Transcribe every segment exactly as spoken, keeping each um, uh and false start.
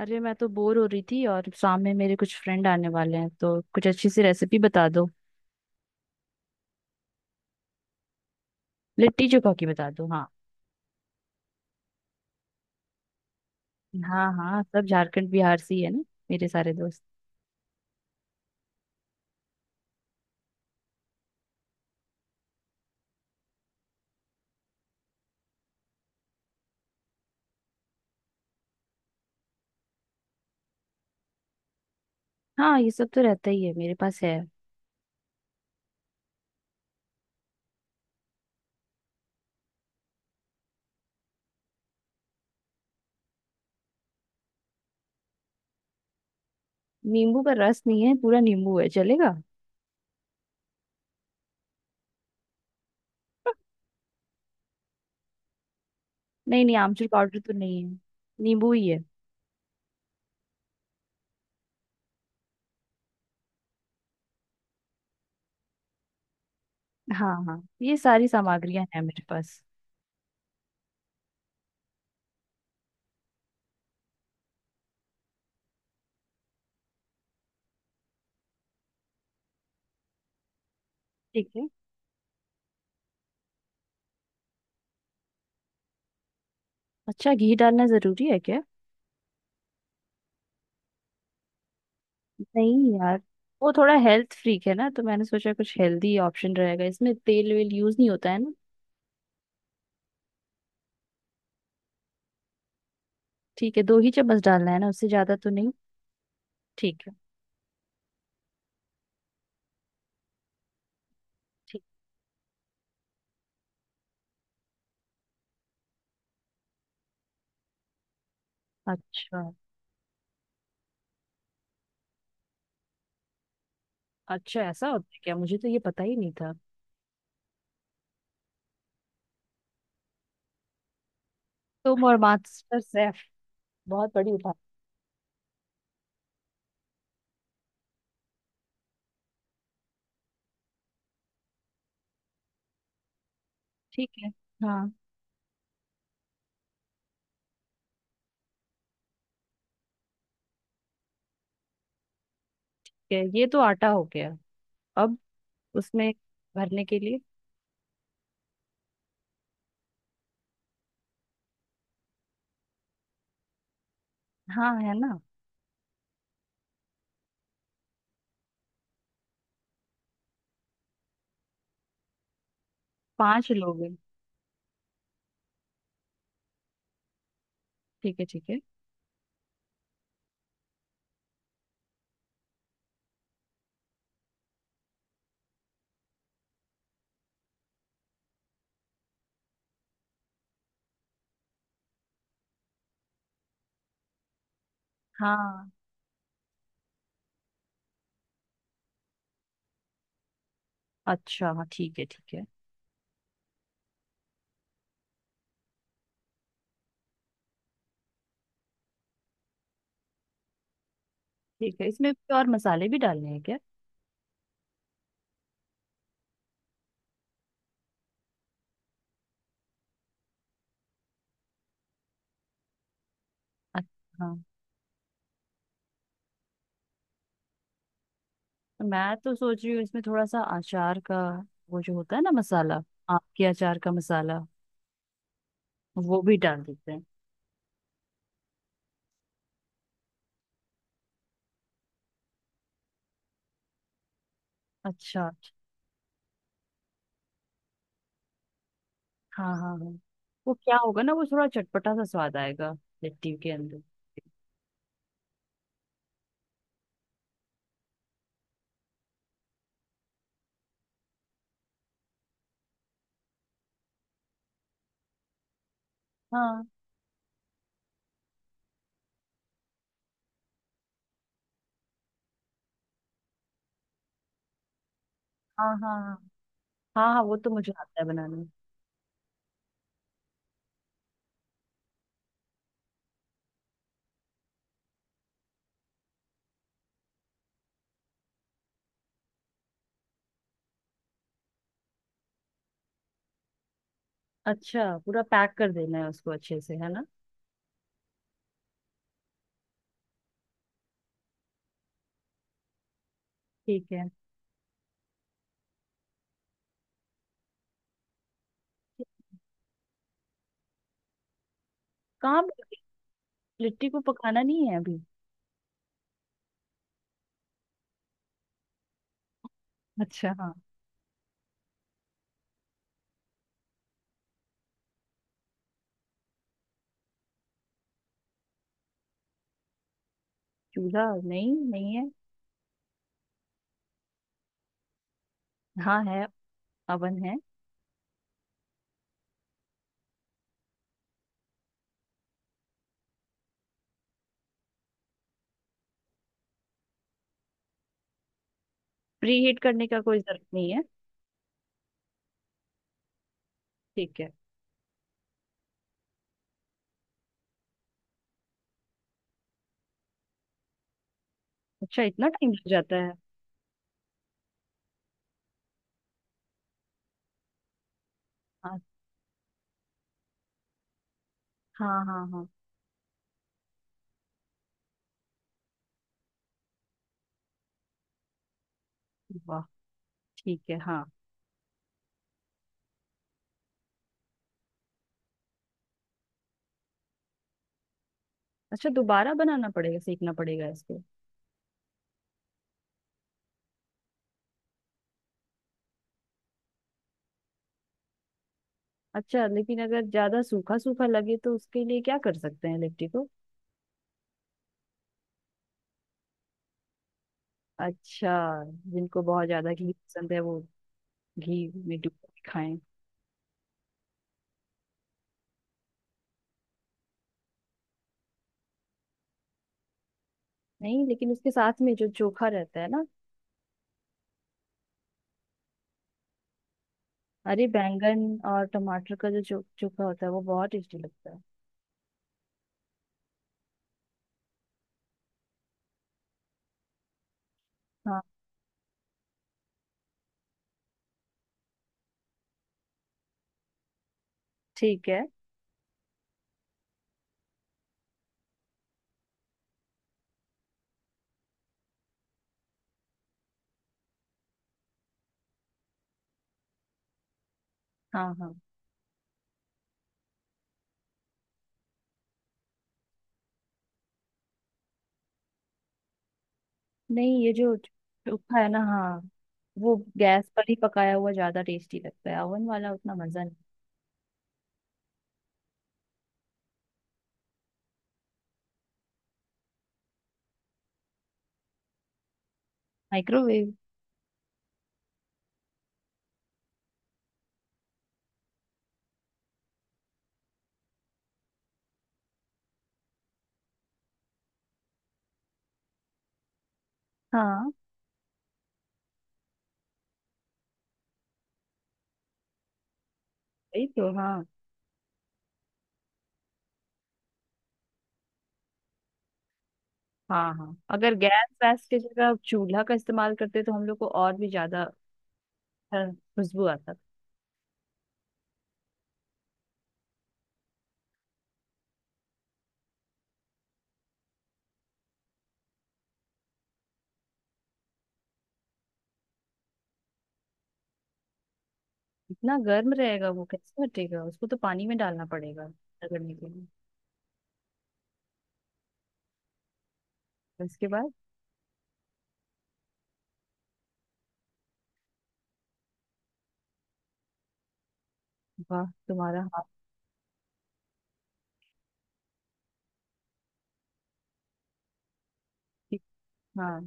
अरे मैं तो बोर हो रही थी और सामने मेरे कुछ फ्रेंड आने वाले हैं, तो कुछ अच्छी सी रेसिपी बता दो। लिट्टी चोखा की बता दो। हाँ हाँ, हाँ सब झारखंड बिहार से ही है ना, मेरे सारे दोस्त। हाँ, ये सब तो रहता ही है, मेरे पास है। नींबू का रस नहीं है, पूरा नींबू है, चलेगा? नहीं नहीं, आमचूर पाउडर तो नहीं है। नींबू ही है। हाँ हाँ, ये सारी सामग्रियां हैं मेरे पास। ठीक है। अच्छा, घी डालना जरूरी है क्या? नहीं यार। वो थोड़ा हेल्थ फ्रीक है ना, तो मैंने सोचा कुछ हेल्दी ऑप्शन रहेगा। इसमें तेल वेल यूज नहीं होता है ना? ठीक है, दो ही चम्मच डालना है ना, उससे ज्यादा तो नहीं। ठीक है। ठीक। अच्छा। अच्छा, ऐसा होता है क्या? मुझे तो ये पता ही नहीं था। तुम और मास्टर शेफ। बहुत बड़ी उठा। ठीक है। हाँ। ठीक है, ये तो आटा हो गया। अब उसमें भरने के लिए। हाँ, है ना। पांच लोग हैं। ठीक है, ठीक है। हाँ। अच्छा, हाँ, ठीक है, ठीक है। ठीक है। इसमें कोई और मसाले भी डालने हैं क्या? अच्छा। मैं तो सोच रही हूँ इसमें थोड़ा सा अचार का, वो जो होता है ना, मसाला। आम के अचार का मसाला। वो भी डाल देते हैं। अच्छा अच्छा, हाँ। हाँ हाँ। वो क्या होगा ना, वो थोड़ा चटपटा सा स्वाद आएगा, लिट्टी के अंदर। हाँ हाँ हाँ। हाँ हाँ हाँ, वो तो मुझे आता है बनाने। अच्छा, पूरा पैक कर देना है उसको अच्छे से, है ना? ठीक है। कहाँ पे- लिट्टी को पकाना नहीं है अभी? अच्छा, हाँ। चूल्हा नहीं, नहीं है। हाँ, है। अवन है। प्री हीट करने का कोई जरूरत नहीं है? ठीक है। अच्छा, इतना टाइम लग जाता है? हाँ हाँ हाँ। हाँ। वाह। ठीक है, हाँ। अच्छा, दोबारा बनाना पड़ेगा, सीखना पड़ेगा इसको। अच्छा, लेकिन अगर ज्यादा सूखा सूखा लगे तो उसके लिए क्या कर सकते हैं लिट्टी को? अच्छा। जिनको बहुत ज्यादा घी पसंद है, वो घी में डुबो के खाएं। नहीं, लेकिन उसके साथ में जो चोखा रहता है ना। अरे, बैंगन और टमाटर का जो चो, चोखा होता है वो बहुत टेस्टी लगता है। हाँ। ठीक है, हाँ हाँ। नहीं, ये जो चोखा है ना, हाँ, वो गैस पर ही पकाया हुआ ज्यादा टेस्टी लगता है, ओवन वाला उतना मजा नहीं। माइक्रोवेव। हाँ, वही तो, हाँ। हाँ, हाँ अगर गैस वैस की जगह चूल्हा का इस्तेमाल करते तो हम लोग को और भी ज्यादा अ, खुशबू आता। इतना गर्म रहेगा वो, कैसे हटेगा? उसको तो पानी में डालना पड़ेगा, रगड़ने के लिए। उसके बाद। वाह, तुम्हारा हाथ। की। हाँ।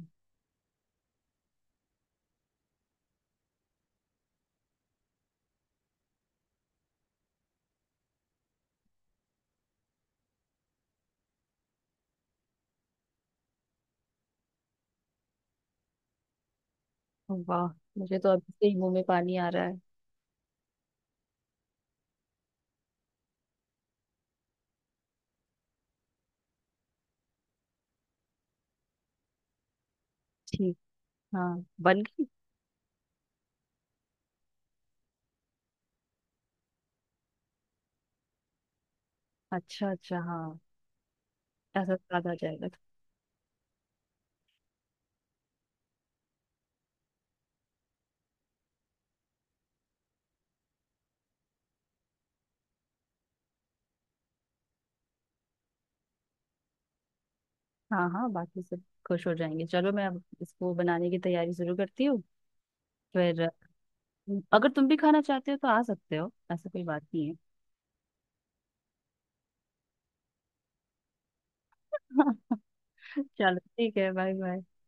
वाह, मुझे तो अभी से ही मुंह में पानी आ रहा है। ठीक। हाँ, बन गई। अच्छा अच्छा, हाँ। ऐसा स्वाद आ जाएगा तो। हाँ हाँ, बाकी सब खुश हो जाएंगे। चलो, मैं अब इसको बनाने की तैयारी शुरू करती हूँ फिर। अगर तुम भी खाना चाहते हो तो आ सकते हो, ऐसा कोई बात नहीं है। चलो ठीक है, बाय बाय।